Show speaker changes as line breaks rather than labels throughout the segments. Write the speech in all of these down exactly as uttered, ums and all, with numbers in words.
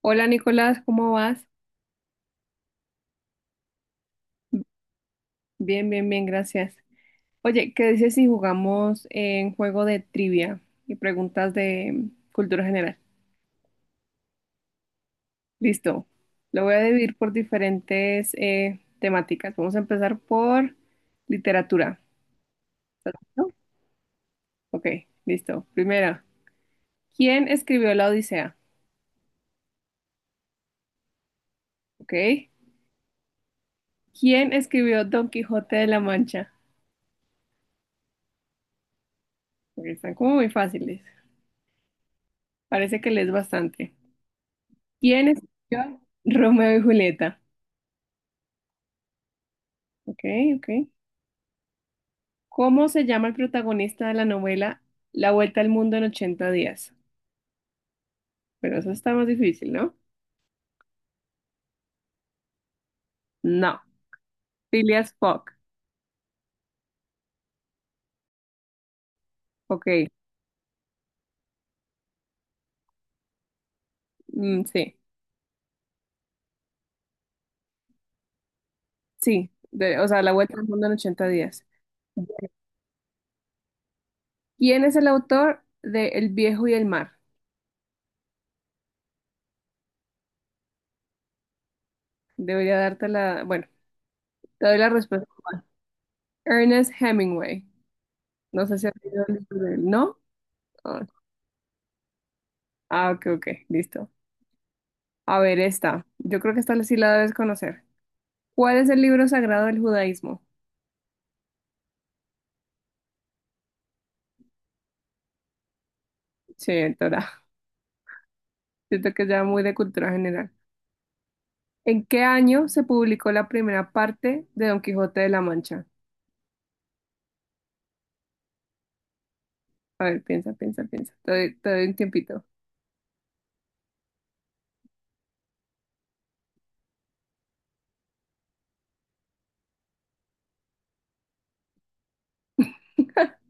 Hola Nicolás, ¿cómo vas? Bien, bien, bien, gracias. Oye, ¿qué dices si jugamos en juego de trivia y preguntas de mm, cultura general? Listo. Lo voy a dividir por diferentes eh, temáticas. Vamos a empezar por literatura. ¿Estás listo? Ok, listo. Primera, ¿quién escribió la Odisea? Ok. ¿Quién escribió Don Quijote de la Mancha? Ok, están como muy fáciles. Parece que lees bastante. ¿Quién escribió Romeo y Julieta? Ok, ok. ¿Cómo se llama el protagonista de la novela La Vuelta al Mundo en ochenta días? Pero eso está más difícil, ¿no? No. Phileas Fogg. Ok. Mm, sí. Sí. De- o sea, La Vuelta al Mundo en ochenta días. ¿Quién es el autor de El viejo y el mar? Debería darte la... Bueno, te doy la respuesta. Ernest Hemingway. No sé si has leído el libro de él. ¿No? Ah, ah, ok, ok. Listo. A ver, esta. Yo creo que esta sí la debes conocer. ¿Cuál es el libro sagrado del judaísmo? Sí, el Torá. Siento que es ya muy de cultura general. ¿En qué año se publicó la primera parte de Don Quijote de la Mancha? A ver, piensa, piensa, piensa. Te doy, te doy un tiempito.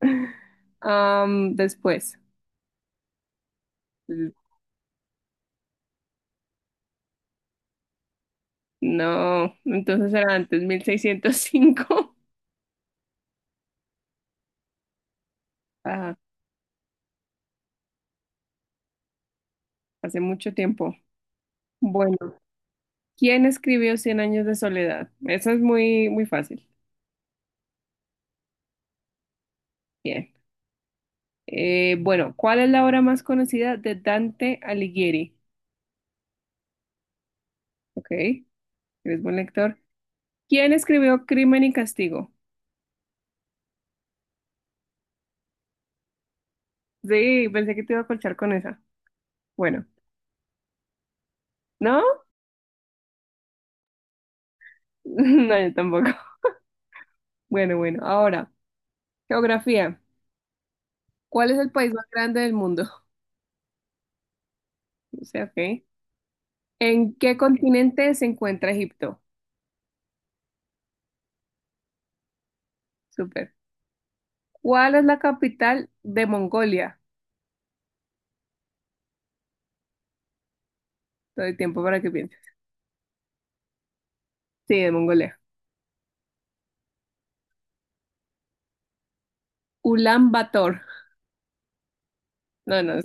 Am, después. No, entonces era antes, mil seiscientos cinco. Ah, hace mucho tiempo. Bueno, ¿quién escribió Cien años de soledad? Eso es muy, muy fácil. Bien. Eh, bueno, ¿cuál es la obra más conocida de Dante Alighieri? Ok, eres buen lector. ¿Quién escribió Crimen y Castigo? Sí, pensé que te iba a colchar con esa. Bueno, ¿no? No, yo tampoco. Bueno, bueno, ahora, geografía. ¿Cuál es el país más grande del mundo? O sea, ok. ¿En qué continente se encuentra Egipto? Súper. ¿Cuál es la capital de Mongolia? Todo el tiempo para que pienses. Sí, de Mongolia. Ulan Bator. No, no,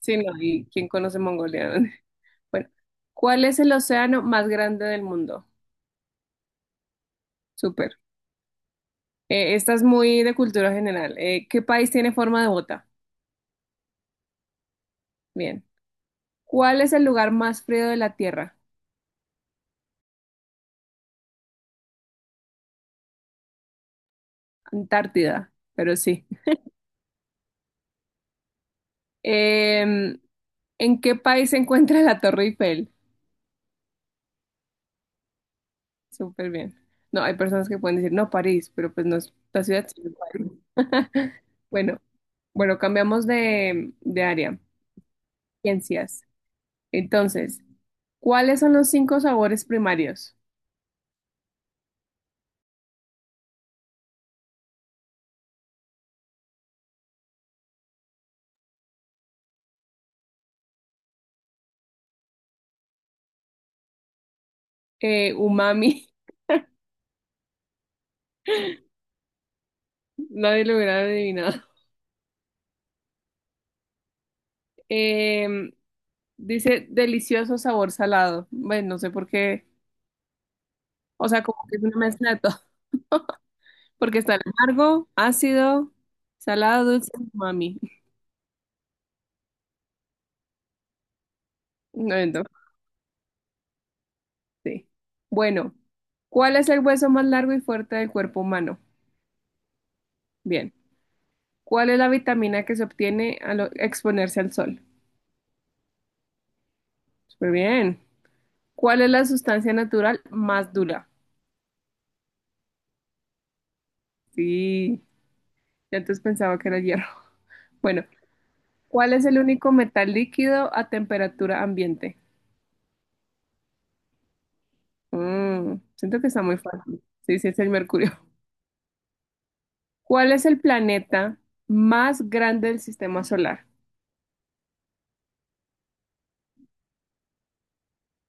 sí, no. ¿Y quién conoce Mongolia? Bueno, ¿cuál es el océano más grande del mundo? Súper. Eh, esta es muy de cultura general. Eh, ¿qué país tiene forma de bota? Bien. ¿Cuál es el lugar más frío de la Tierra? Antártida, pero sí. Em, ¿En qué país se encuentra la Torre Eiffel? Súper bien. No, hay personas que pueden decir, no, París, pero pues no es la ciudad, sino París. Bueno, bueno, cambiamos de, de área. Ciencias. Entonces, ¿cuáles son los cinco sabores primarios? Eh, Umami, nadie lo hubiera adivinado. Em, Dice delicioso sabor salado. Bueno, no sé por qué. O sea, como que es una mezcla de todo. Porque está el amargo, ácido, salado, dulce, mami. No, no, sí. Bueno, ¿cuál es el hueso más largo y fuerte del cuerpo humano? Bien. ¿Cuál es la vitamina que se obtiene al o- exponerse al sol? Súper bien. ¿Cuál es la sustancia natural más dura? Sí, ya antes pensaba que era hierro. Bueno, ¿cuál es el único metal líquido a temperatura ambiente? Mm, siento que está muy fácil. Sí, sí, es el Mercurio. ¿Cuál es el planeta más grande del sistema solar?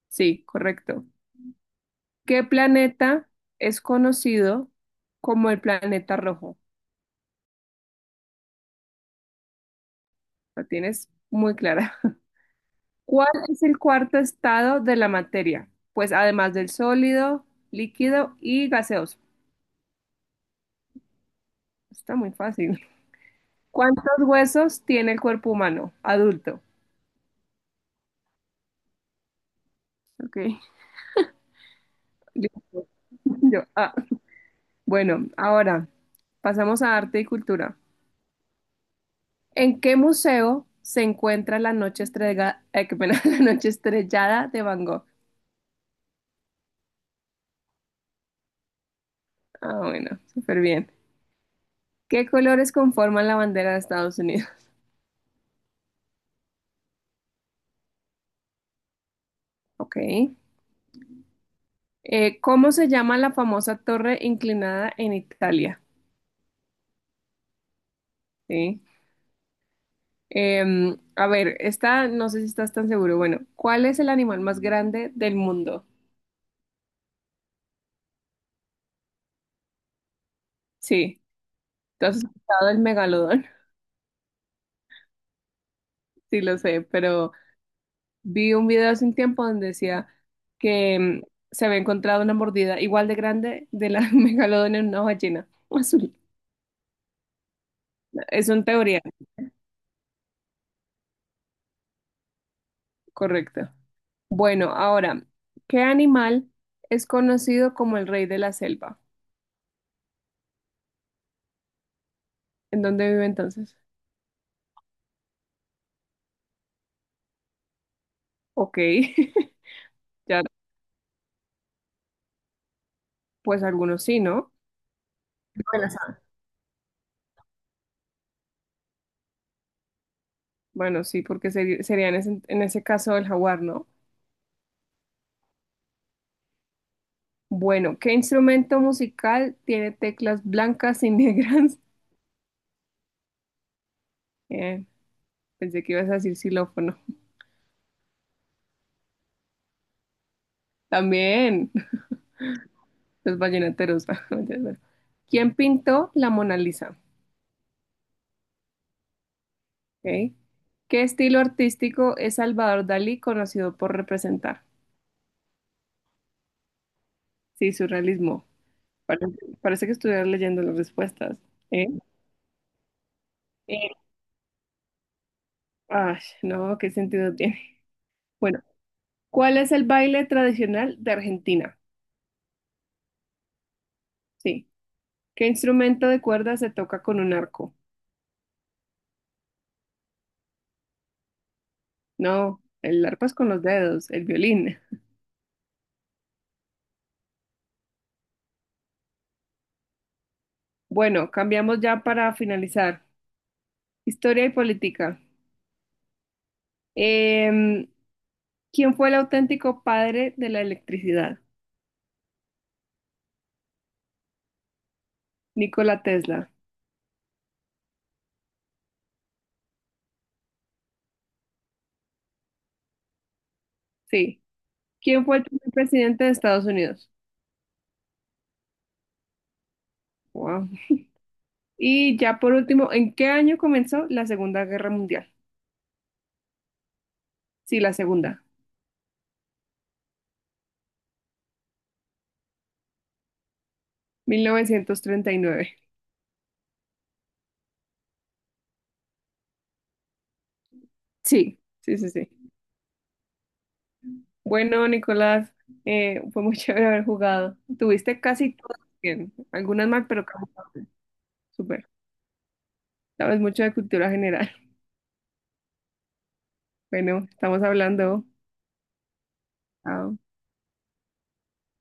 Sí, correcto. ¿Qué planeta es conocido como el planeta rojo? La tienes muy clara. ¿Cuál es el cuarto estado de la materia? Pues además del sólido, líquido y gaseoso. Está muy fácil. ¿Cuántos huesos tiene el cuerpo humano adulto? Ok. Listo. Yo, ah. Bueno, ahora pasamos a arte y cultura. ¿En qué museo se encuentra la noche estrega- eh, qué pena, la noche estrellada de Van Gogh? Ah, bueno, súper bien. ¿Qué colores conforman la bandera de Estados Unidos? Ok. Eh, ¿cómo se llama la famosa torre inclinada en Italia? Sí. Em, a ver, esta no sé si estás tan seguro. Bueno, ¿cuál es el animal más grande del mundo? Sí. ¿Tú has escuchado el megalodón? Sí, lo sé, pero vi un video hace un tiempo donde decía que mm, se había encontrado una mordida igual de grande de la megalodón en una ballena azul. Es una teoría, correcto. Bueno, ahora, ¿qué animal es conocido como el rey de la selva? ¿En dónde vive entonces? Ok, ya, pues algunos sí, ¿no? Bueno, sa- bueno, sí, porque seri- sería en ese, en ese, caso el jaguar, ¿no? Bueno, ¿qué instrumento musical tiene teclas blancas y negras? Bien. Pensé que ibas a decir xilófono. También los vallenateros. ¿Quién pintó la Mona Lisa? Ok. ¿Qué estilo artístico es Salvador Dalí conocido por representar? Sí, surrealismo. Pare- Parece, que estuvieras leyendo las respuestas. ¿Eh? Eh, Ay, no, ¿qué sentido tiene? Bueno, ¿cuál es el baile tradicional de Argentina? Sí. ¿Qué instrumento de cuerda se toca con un arco? No, el arpa es con los dedos, el violín. Bueno, cambiamos ya para finalizar. Historia y política. Em, ¿Quién fue el auténtico padre de la electricidad? Nikola Tesla. Sí. ¿Quién fue el primer presidente de Estados Unidos? Wow. Y ya por último, ¿en qué año comenzó la Segunda Guerra Mundial? Sí, la Segunda. mil novecientos treinta y nueve. Sí, sí, sí, sí. Bueno, Nicolás, eh, fue muy chévere haber jugado. Tuviste casi todas bien. Algunas mal, pero casi todas bien. Súper. Sabes mucho de cultura general. Bueno, estamos hablando. Chao.